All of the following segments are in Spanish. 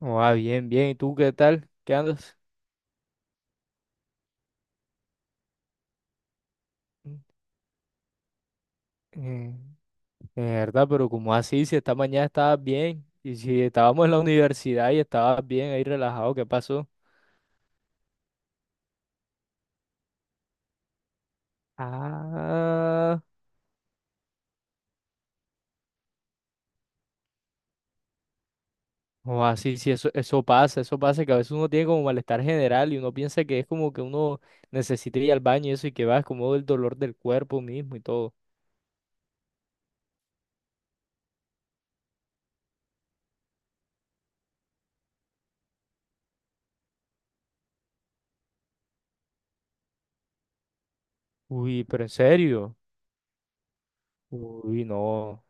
Oh, ah, bien, bien. ¿Y tú qué tal? ¿Qué andas? Eh, de verdad, pero como así, si esta mañana estabas bien y si estábamos en la universidad y estabas bien ahí relajado, ¿qué pasó? Ah, o así, sí, eso, eso pasa, que a veces uno tiene como malestar general y uno piensa que es como que uno necesita ir al baño y eso y que va, es como el dolor del cuerpo mismo y todo. Uy, pero en serio. Uy, no,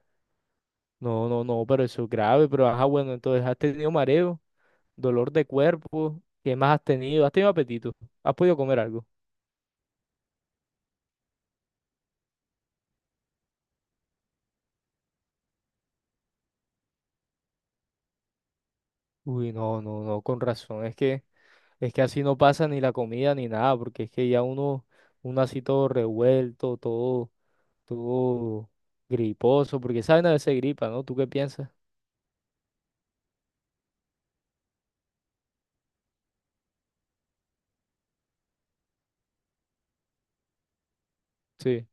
no, no, no, pero eso es grave, pero ajá, bueno, entonces has tenido mareo. Dolor de cuerpo. ¿Qué más has tenido? ¿Has tenido apetito? ¿Has podido comer algo? Uy, no, no, no, con razón. Es que así no pasa ni la comida ni nada, porque es que ya uno así todo revuelto, todo griposo, porque saben a veces gripa, ¿no? ¿Tú qué piensas? Sí.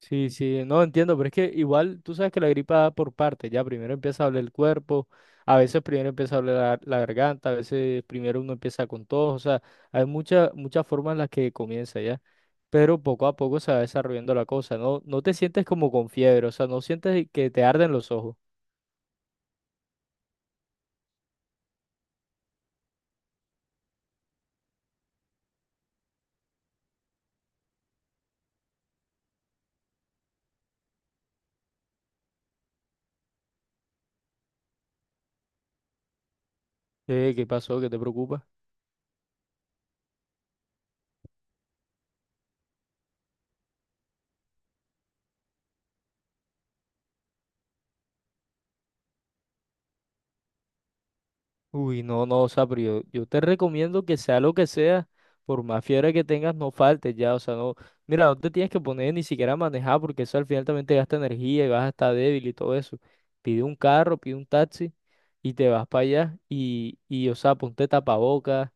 Sí, sí, no entiendo, pero es que igual tú sabes que la gripa da por partes, ya primero empieza a doler el cuerpo, a veces primero empieza a doler la garganta, a veces primero uno empieza con tos, o sea, hay muchas muchas formas en las que comienza ya, pero poco a poco se va desarrollando la cosa, no no te sientes como con fiebre, o sea, no sientes que te arden los ojos. ¿Qué pasó? ¿Qué te preocupa? Uy, no, no, o sea, pero yo te recomiendo que sea lo que sea, por más fiebre que tengas, no faltes ya, o sea, no, mira, no te tienes que poner ni siquiera a manejar porque eso al final también te gasta energía y vas a estar débil y todo eso. Pide un carro, pide un taxi y te vas para allá y, o sea, ponte tapabocas,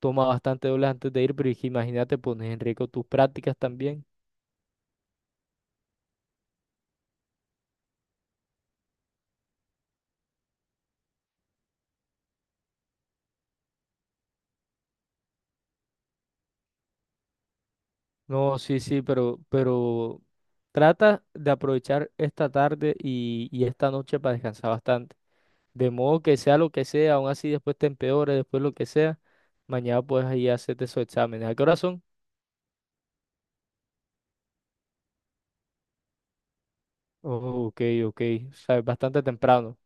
toma bastante dobles antes de ir, pero es que imagínate, pones en riesgo tus prácticas también. No, sí, sí, pero trata de aprovechar esta tarde y esta noche para descansar bastante. De modo que sea lo que sea, aún así después te empeores, después lo que sea, mañana puedes ir a hacerte esos exámenes. ¿A qué hora son? Oh, ok, ok, o sea, es bastante temprano.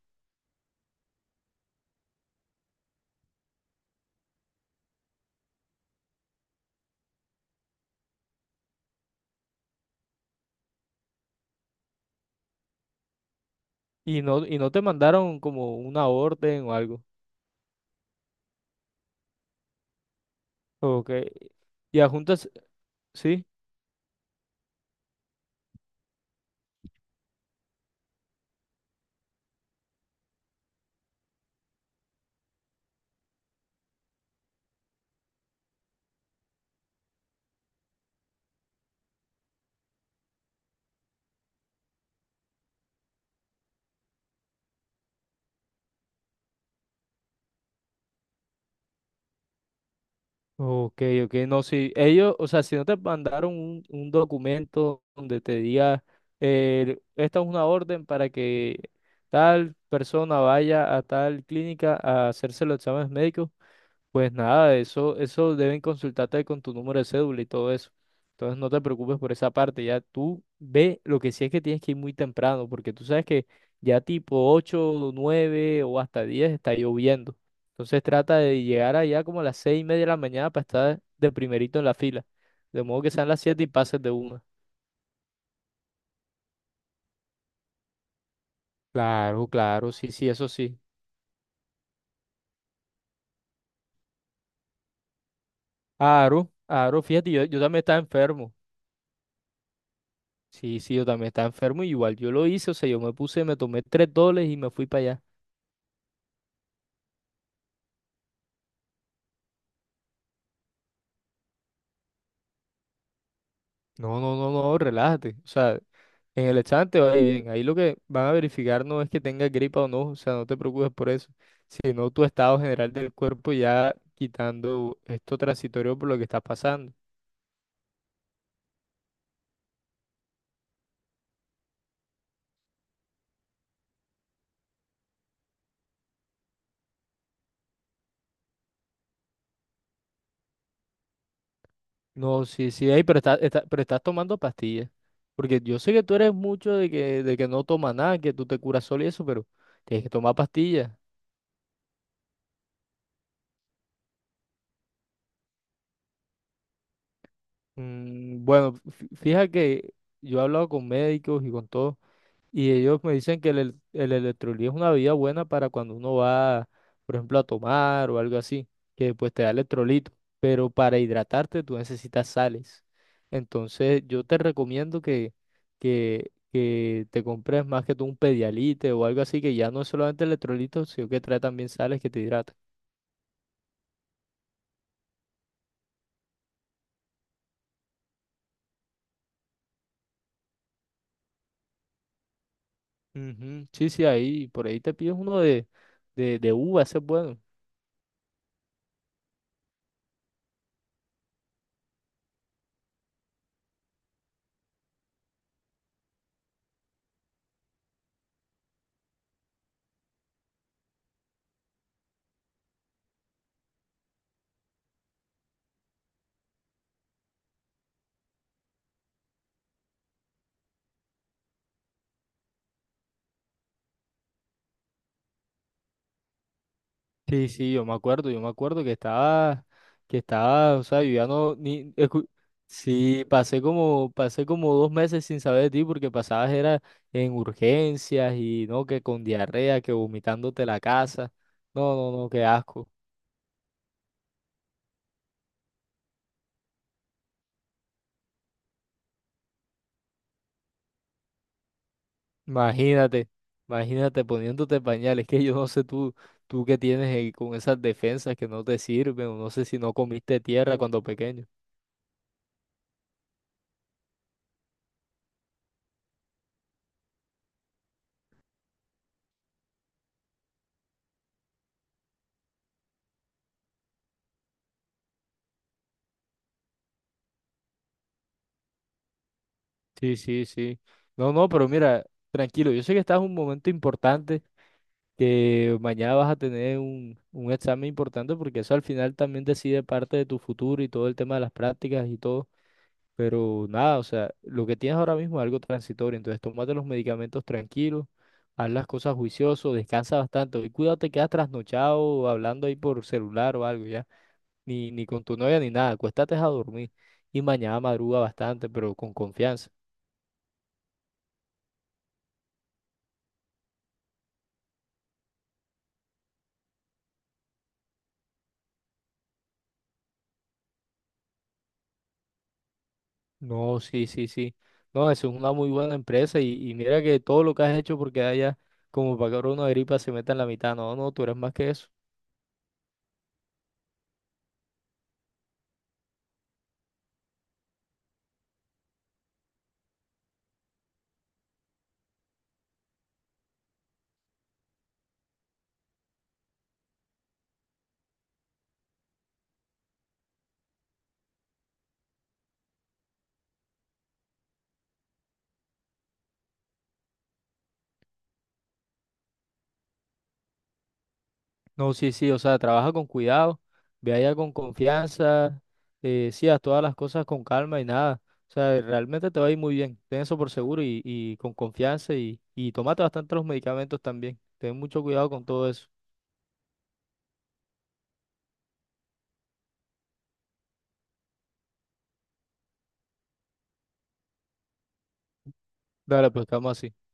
Y no te mandaron como una orden o algo. Ok. Y adjuntas, sí. Ok, ok, no, sí. Ellos, o sea, si no te mandaron un documento donde te diga, esta es una orden para que tal persona vaya a tal clínica a hacerse los exámenes médicos. Pues nada, eso deben consultarte con tu número de cédula y todo eso. Entonces no te preocupes por esa parte, ya tú ve, lo que sí es que tienes que ir muy temprano, porque tú sabes que ya tipo 8, 9 o hasta 10 está lloviendo. Entonces trata de llegar allá como a las 6:30 de la mañana para estar de primerito en la fila. De modo que sean las 7 y pases de una. Claro, claro, sí, sí, eso sí. Aro, Aro, fíjate, yo también estaba enfermo. Sí, sí, yo también estaba enfermo y igual yo lo hice, o sea, yo me puse, me tomé $3 y me fui para allá. No, no, no, no, relájate. O sea, en el examen te va a ir bien. Ahí lo que van a verificar no es que tengas gripa o no, o sea, no te preocupes por eso, sino tu estado general del cuerpo ya quitando esto transitorio por lo que estás pasando. No, sí, sí, ey, pero pero estás tomando pastillas. Porque yo sé que tú eres mucho de que no tomas nada, que tú te curas solo y eso, pero tienes que tomar pastillas. Bueno, fíjate que yo he hablado con médicos y con todo y ellos me dicen que el electrolí es una bebida buena para cuando uno va, por ejemplo, a tomar o algo así, que pues te da electrolito, pero para hidratarte tú necesitas sales. Entonces, yo te recomiendo que te compres más que tú un Pedialite o algo así, que ya no es solamente electrolito, sino que trae también sales que te hidratan. Ujú, sí, sí, ahí, por ahí te pides uno de uva, ese es bueno. Sí, sí, yo me acuerdo que estaba, o sea, yo ya no, ni, escu- sí, pasé como 2 meses sin saber de ti porque pasabas era en urgencias y no, que con diarrea, que vomitándote la casa, no, no, no, qué asco, imagínate, imagínate poniéndote pañales, que yo no sé tú que tienes ahí con esas defensas que no te sirven, o no sé si no comiste tierra cuando pequeño. Sí, sí, sí. No, no, pero mira, tranquilo, yo sé que estás en un momento importante que mañana vas a tener un examen importante porque eso al final también decide parte de tu futuro y todo el tema de las prácticas y todo. Pero nada, o sea, lo que tienes ahora mismo es algo transitorio, entonces tómate los medicamentos tranquilos, haz las cosas juicioso, descansa bastante. Hoy cuidado, te quedas trasnochado o hablando ahí por celular o algo ya, ni con tu novia ni nada, acuéstate a dormir y mañana madruga bastante, pero con confianza. No, sí, sí, sí. No, eso es una muy buena empresa y mira que todo lo que has hecho porque haya como para que ahora una gripa se meta en la mitad. No, no, tú eres más que eso. No, sí, sí, o sea, trabaja con cuidado, ve allá con confianza, sí, haz todas las cosas con calma y nada. O sea, realmente te va a ir muy bien. Ten eso por seguro y con confianza y tómate bastante los medicamentos también. Ten mucho cuidado con todo eso. Dale, pues estamos así.